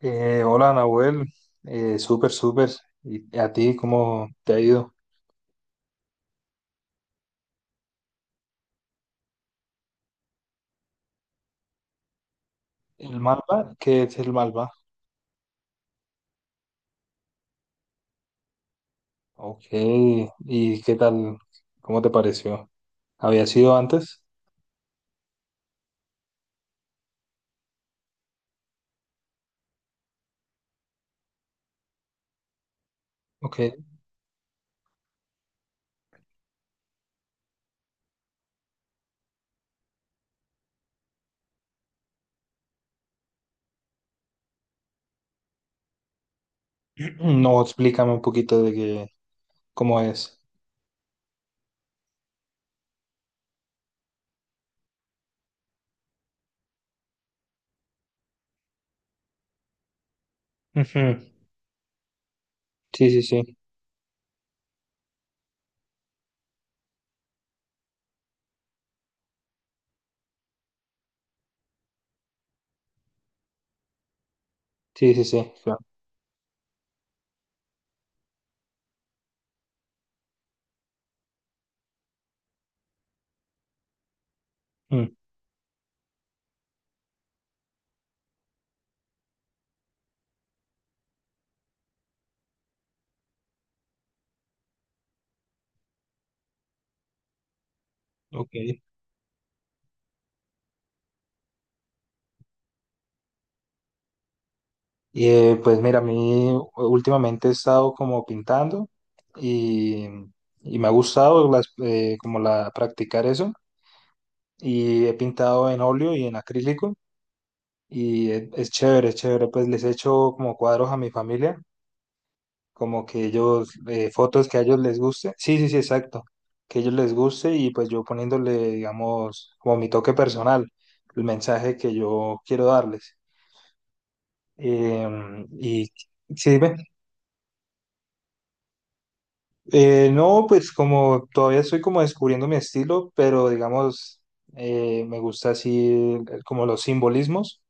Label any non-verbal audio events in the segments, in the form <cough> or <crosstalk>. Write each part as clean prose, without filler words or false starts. Hola, Nahuel. Súper, súper. ¿Y a ti cómo te ha ido? ¿El Malva? ¿Qué es el Malva? Ok. ¿Y qué tal? ¿Cómo te pareció? ¿Había sido antes? Ok. <clears throat> No, explícame un poquito de qué, cómo es. Ujú. Sí, sí, sí. Sí, sí, sí, claro. Mm, ok. Y pues mira, a mí últimamente he estado como pintando y, y me ha gustado como la, practicar eso. Y he pintado en óleo y en acrílico y es chévere, es chévere, pues les he hecho como cuadros a mi familia, como que ellos, fotos que a ellos les guste, sí, sí, sí, exacto, que a ellos les guste. Y pues yo poniéndole, digamos, como mi toque personal, el mensaje que yo quiero darles. Y sí, ve, no, pues como todavía estoy como descubriendo mi estilo, pero digamos, me gusta así como los simbolismos.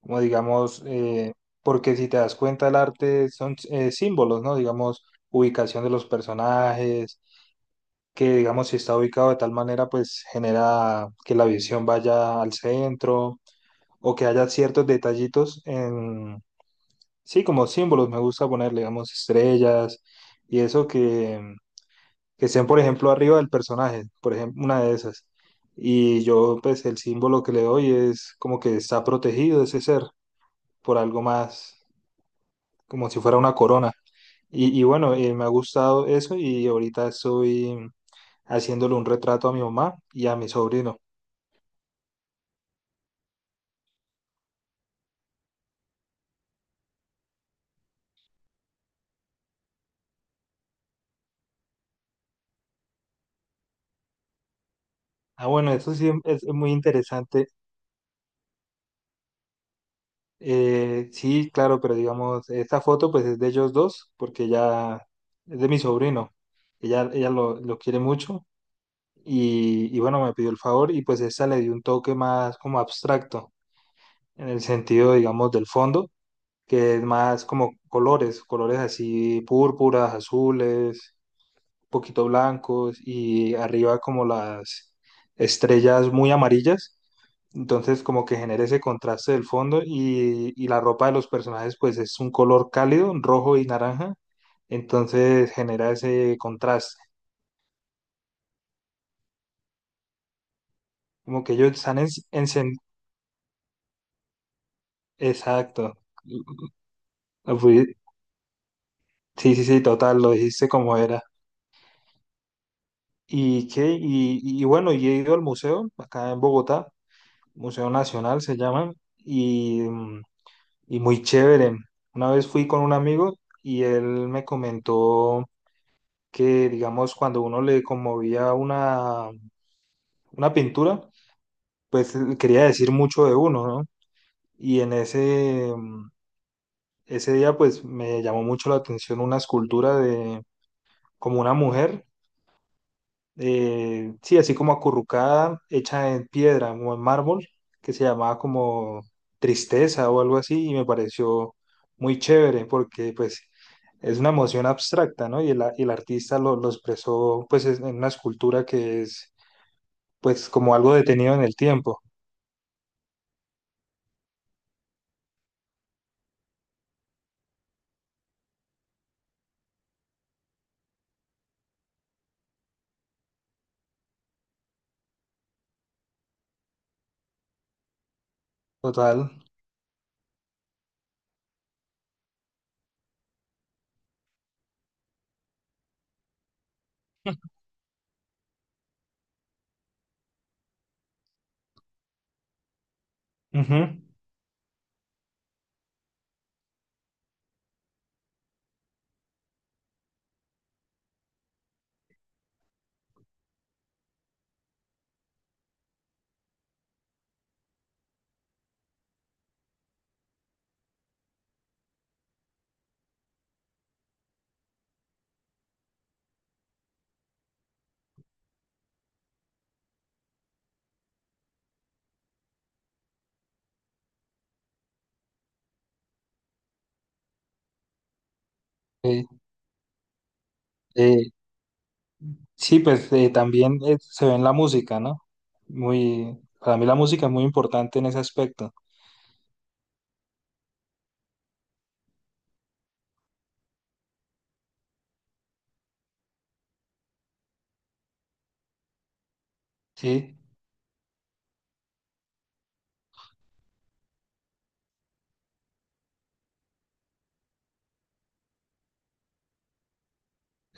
Como digamos, porque si te das cuenta, el arte son símbolos, ¿no? Digamos, ubicación de los personajes, que digamos, si está ubicado de tal manera, pues genera que la visión vaya al centro o que haya ciertos detallitos en, sí, como símbolos, me gusta poner, digamos, estrellas y eso que estén, por ejemplo, arriba del personaje, por ejemplo, una de esas. Y yo, pues, el símbolo que le doy es como que está protegido ese ser por algo más, como si fuera una corona. Y bueno, me ha gustado eso y ahorita estoy haciéndole un retrato a mi mamá y a mi sobrino. Ah, bueno, eso sí es muy interesante. Sí, claro, pero digamos, esta foto pues es de ellos dos porque ya es de mi sobrino. Ella lo quiere mucho y bueno, me pidió el favor y pues esta le dio un toque más como abstracto en el sentido, digamos, del fondo, que es más como colores, colores así púrpuras, azules, poquito blancos, y arriba como las estrellas muy amarillas. Entonces como que genera ese contraste del fondo y la ropa de los personajes pues es un color cálido, rojo y naranja. Entonces genera ese contraste. Como que ellos están en exacto. Fui- Sí, sí, sí, total, lo dijiste como era. ¿Y qué? Y bueno, y he ido al museo, acá en Bogotá, Museo Nacional se llama, y, mm, y muy chévere. Una vez fui con un amigo y él me comentó que, digamos, cuando uno le conmovía una pintura, pues quería decir mucho de uno, ¿no? Y en ese, ese día, pues me llamó mucho la atención una escultura de como una mujer, sí, así como acurrucada, hecha en piedra o en mármol, que se llamaba como Tristeza o algo así, y me pareció muy chévere porque pues es una emoción abstracta, ¿no? Y el artista lo expresó pues en una escultura que es pues como algo detenido en el tiempo, total. Ujú. Eh, eh, sí, pues también se ve en la música, ¿no? Muy, para mí la música es muy importante en ese aspecto, ¿sí?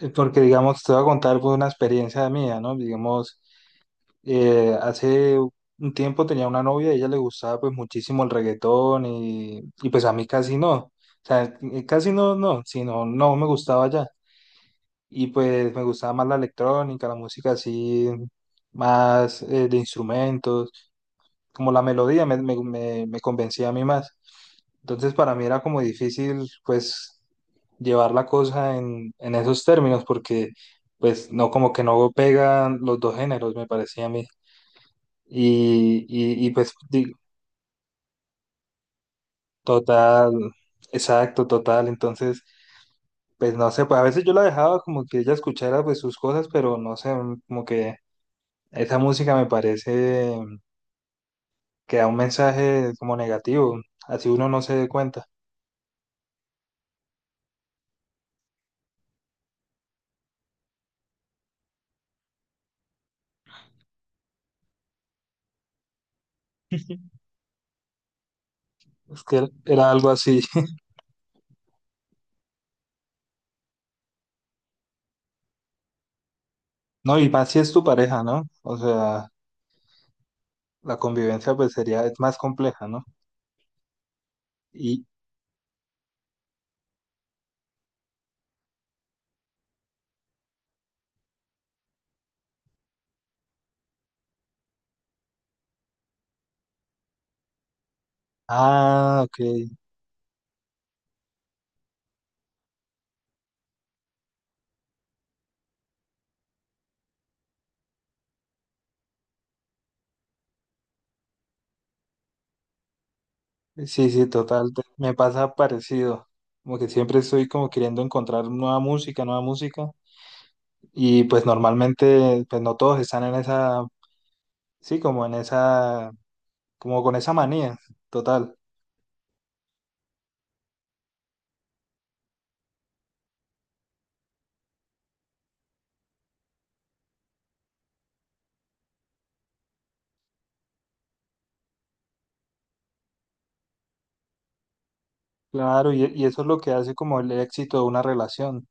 Porque, digamos, te voy a contar pues una experiencia mía, ¿no? Digamos, hace un tiempo tenía una novia, a ella le gustaba pues muchísimo el reggaetón y pues a mí casi no. O sea, casi no, no, sino no me gustaba ya. Y pues me gustaba más la electrónica, la música así, más de instrumentos, como la melodía me, me, me convencía a mí más. Entonces para mí era como difícil pues llevar la cosa en esos términos, porque pues no, como que no pegan los dos géneros me parecía a mí. Y, y pues total, exacto, total. Entonces pues no sé, pues a veces yo la dejaba como que ella escuchara pues sus cosas, pero no sé, como que esa música me parece que da un mensaje como negativo, así uno no se dé cuenta. Es que era algo así, <laughs> ¿no? Y más si es tu pareja, ¿no? O sea, la convivencia pues sería, es más compleja, ¿no? Y, ah, ok. Sí, sí, total. Me pasa parecido. Como que siempre estoy como queriendo encontrar nueva música, nueva música. Y pues normalmente, pues no todos están en esa, sí, como en esa, como con esa manía, total. Claro, y eso es lo que hace como el éxito de una relación.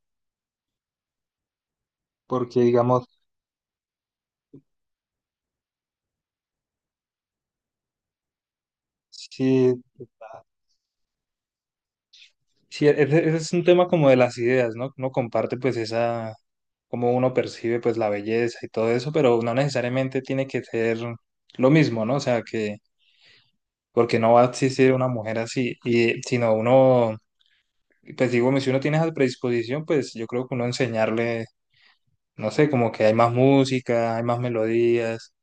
Porque digamos, sí, sí, ese es un tema como de las ideas, ¿no? Uno comparte pues esa, cómo uno percibe pues la belleza y todo eso, pero no necesariamente tiene que ser lo mismo, ¿no? O sea, que, porque no va a existir una mujer así, y, sino uno, pues digo, si uno tiene esa predisposición, pues yo creo que uno enseñarle, no sé, como que hay más música, hay más melodías,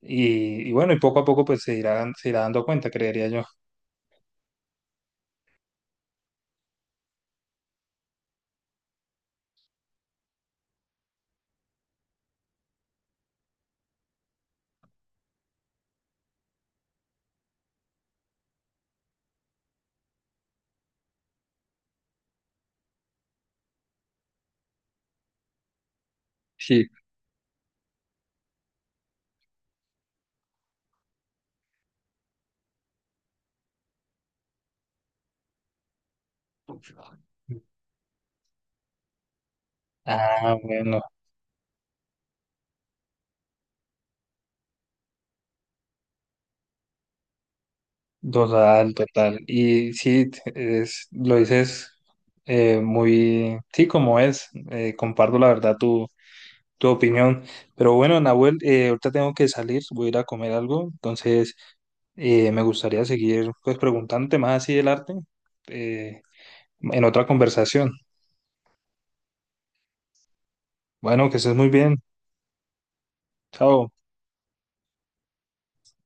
y bueno, y poco a poco pues se irá dando cuenta, creería yo. Sí. Ah, bueno. Total, total. Y sí, es, lo dices muy, sí, como es. Comparto la verdad tu, tu opinión. Pero bueno, Nahuel, ahorita tengo que salir, voy a ir a comer algo. Entonces, me gustaría seguir pues preguntándote más así del arte eh, en otra conversación. Bueno, que estés muy bien. Chao.